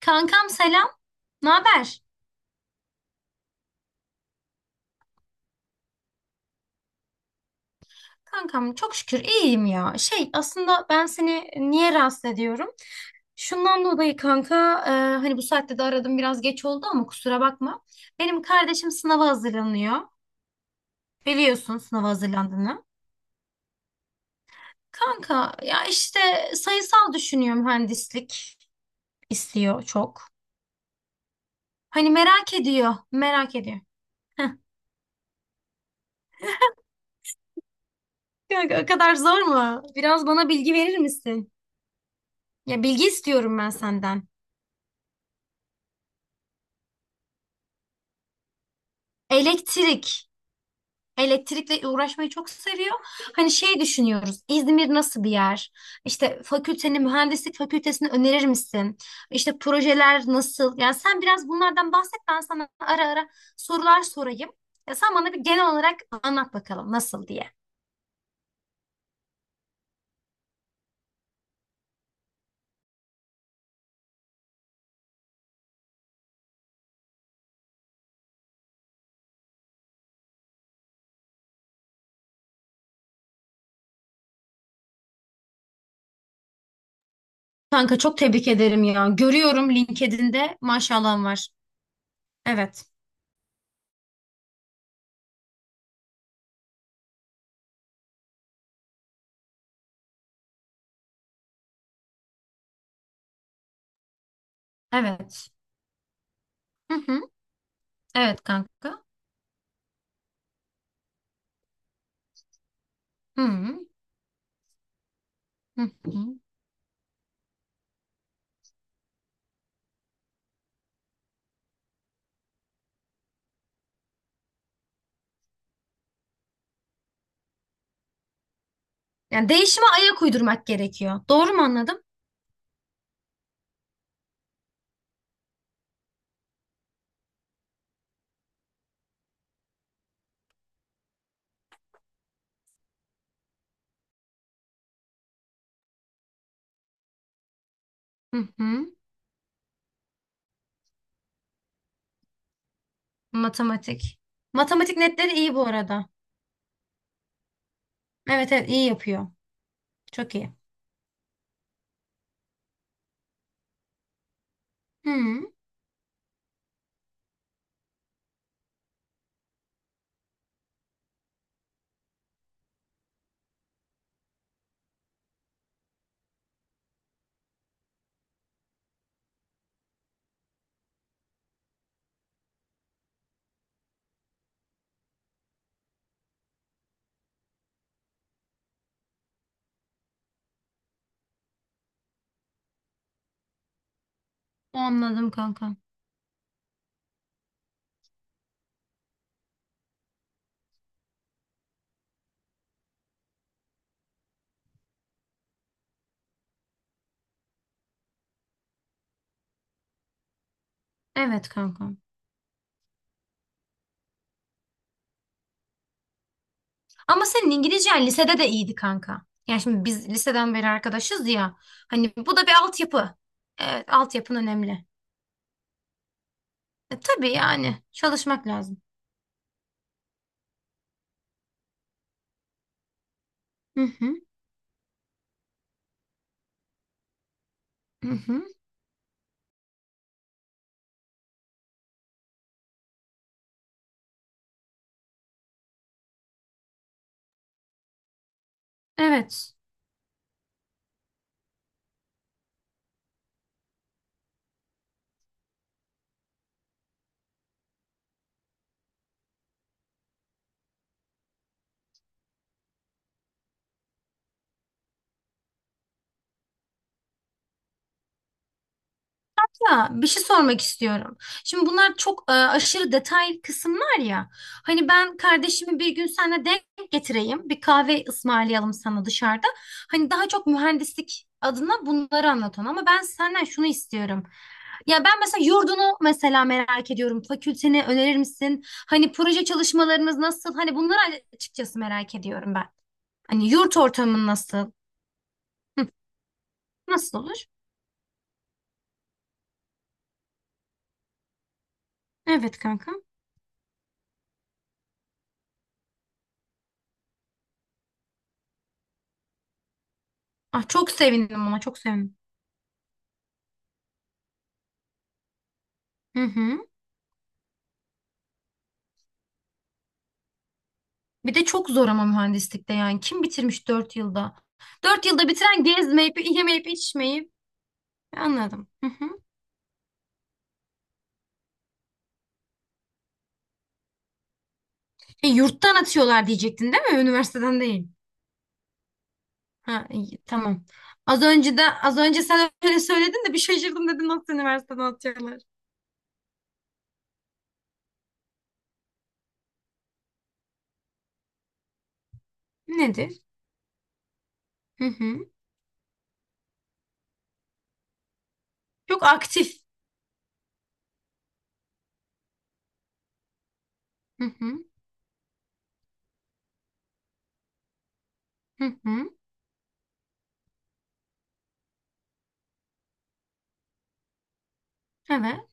Kankam selam. Ne haber? Kankam çok şükür iyiyim ya. Şey aslında ben seni niye rahatsız ediyorum? Şundan dolayı kanka e, hani bu saatte de aradım biraz geç oldu ama kusura bakma. Benim kardeşim sınava hazırlanıyor. Biliyorsun sınava hazırlandığını. Kanka ya işte sayısal düşünüyor mühendislik istiyor çok. Hani merak ediyor, merak ediyor. Heh. Kanka o kadar zor mu? Biraz bana bilgi verir misin? Ya bilgi istiyorum ben senden. Elektrik. Elektrikle uğraşmayı çok seviyor. Hani şey düşünüyoruz. İzmir nasıl bir yer? İşte fakülteni, mühendislik fakültesini önerir misin? İşte projeler nasıl? Yani sen biraz bunlardan bahset. Ben sana ara ara sorular sorayım. Ya sen bana bir genel olarak anlat bakalım nasıl diye. Kanka çok tebrik ederim ya. Görüyorum LinkedIn'de maşallahın var. Evet. Evet. Hı hı. Evet kanka. Hı hı. Hı hı. Yani değişime ayak uydurmak gerekiyor. Doğru mu anladım? Hı hı. Matematik. Matematik netleri iyi bu arada. Evet, evet, iyi yapıyor. Çok iyi. Hı. Anladım kanka. Evet kanka. Ama senin İngilizcen lisede de iyiydi kanka. Yani şimdi biz liseden beri arkadaşız ya. Hani bu da bir altyapı. Evet, altyapın önemli. E, tabii yani çalışmak lazım. Hı hı. Hı hı. Evet. Ya bir şey sormak istiyorum. Şimdi bunlar çok aşırı detay kısımlar ya. Hani ben kardeşimi bir gün seninle denk getireyim. Bir kahve ısmarlayalım sana dışarıda. Hani daha çok mühendislik adına bunları anlat ona. Ama ben senden şunu istiyorum. Ya ben mesela yurdunu mesela merak ediyorum. Fakülteni önerir misin? Hani proje çalışmalarınız nasıl? Hani bunları açıkçası merak ediyorum ben. Hani yurt ortamın nasıl? Hı, nasıl olur? Evet kanka. Ah, çok sevindim, ona çok sevindim. Hı hı. Bir de çok zor ama mühendislikte yani. Kim bitirmiş 4 yılda? Dört yılda bitiren gezmeyip, yemeyip, içmeyip. Anladım. Hı hı. E, yurttan atıyorlar diyecektin değil mi? Üniversiteden değil. Ha, iyi, tamam. Az önce sen öyle söyledin de bir şaşırdım, dedim nasıl üniversiteden atıyorlar? Nedir? Hı hı. Çok aktif. Hı hı. Hı hı. Evet.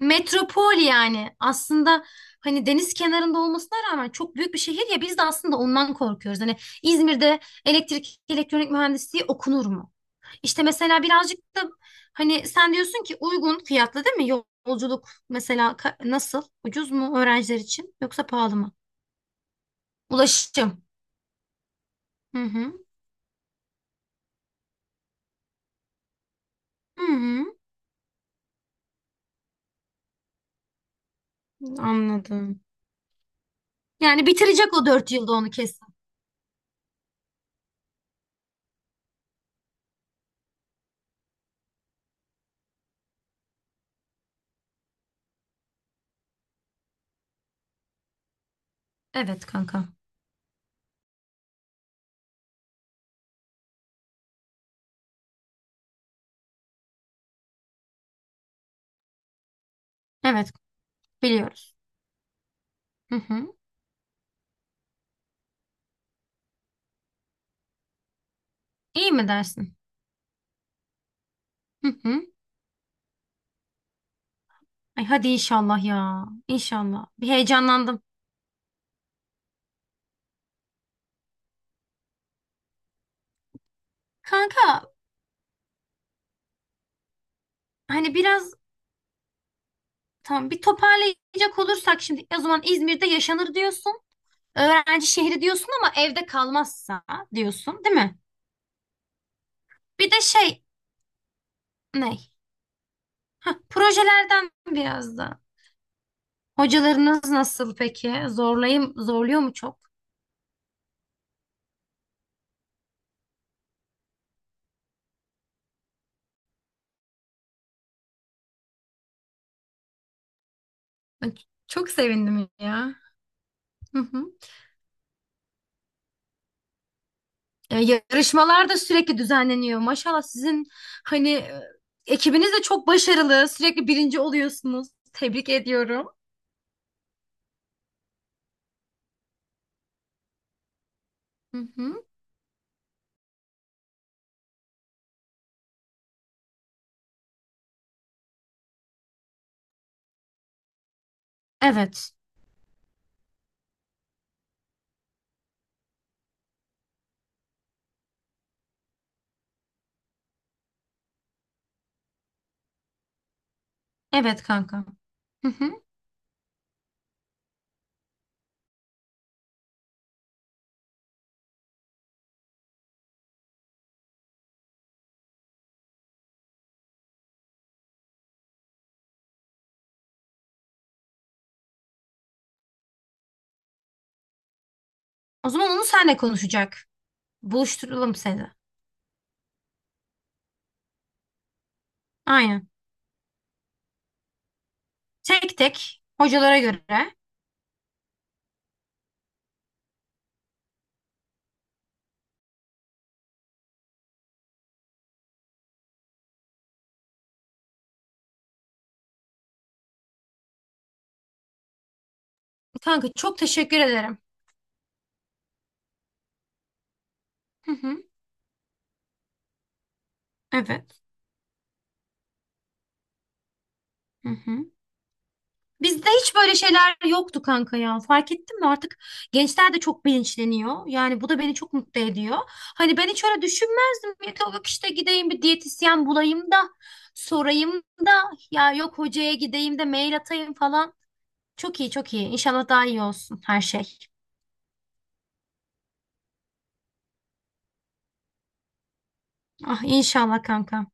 Metropol yani aslında, hani deniz kenarında olmasına rağmen çok büyük bir şehir ya, biz de aslında ondan korkuyoruz. Hani İzmir'de elektrik elektronik mühendisliği okunur mu? İşte mesela birazcık da hani sen diyorsun ki uygun fiyatlı değil mi? Yolculuk mesela nasıl? Ucuz mu öğrenciler için yoksa pahalı mı? Ulaşım. Hı hı. Hı hı. Anladım. Yani bitirecek o dört yılda, onu kesin. Evet kanka. Evet, biliyoruz. Hı hı. İyi mi dersin? Hı hı. Ay, hadi inşallah ya. İnşallah. Bir heyecanlandım. Kanka, hani biraz, tamam, bir toparlayacak olursak şimdi, o zaman İzmir'de yaşanır diyorsun. Öğrenci şehri diyorsun ama evde kalmazsa diyorsun değil mi? Bir de şey ne? Hah, projelerden biraz da. Hocalarınız nasıl peki? Zorluyor mu çok? Ay, çok sevindim ya. Hı hı. E, yarışmalar da sürekli düzenleniyor. Maşallah sizin hani ekibiniz de çok başarılı. Sürekli birinci oluyorsunuz. Tebrik ediyorum. Hı hı. Evet. Evet kanka. Hı hı. O zaman onu senle konuşacak. Buluşturalım seni. Aynen. Tek tek hocalara göre. Kanka çok teşekkür ederim. Hı hı. Evet. Hı hı. Bizde hiç böyle şeyler yoktu kanka ya. Fark ettin mi? Artık gençler de çok bilinçleniyor. Yani bu da beni çok mutlu ediyor. Hani ben hiç öyle düşünmezdim. Yok işte gideyim bir diyetisyen bulayım da sorayım da, ya yok hocaya gideyim de mail atayım falan. Çok iyi, çok iyi. İnşallah daha iyi olsun her şey. Ah inşallah kanka.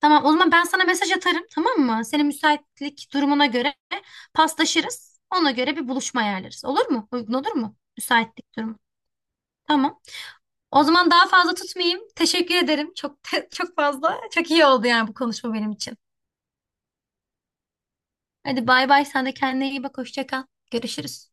Tamam o zaman ben sana mesaj atarım, tamam mı? Senin müsaitlik durumuna göre paslaşırız. Ona göre bir buluşma ayarlarız. Olur mu? Uygun olur mu? Müsaitlik durumu. Tamam. O zaman daha fazla tutmayayım. Teşekkür ederim. Çok çok fazla. Çok iyi oldu yani bu konuşma benim için. Hadi bay bay. Sen de kendine iyi bak. Hoşça kal. Görüşürüz.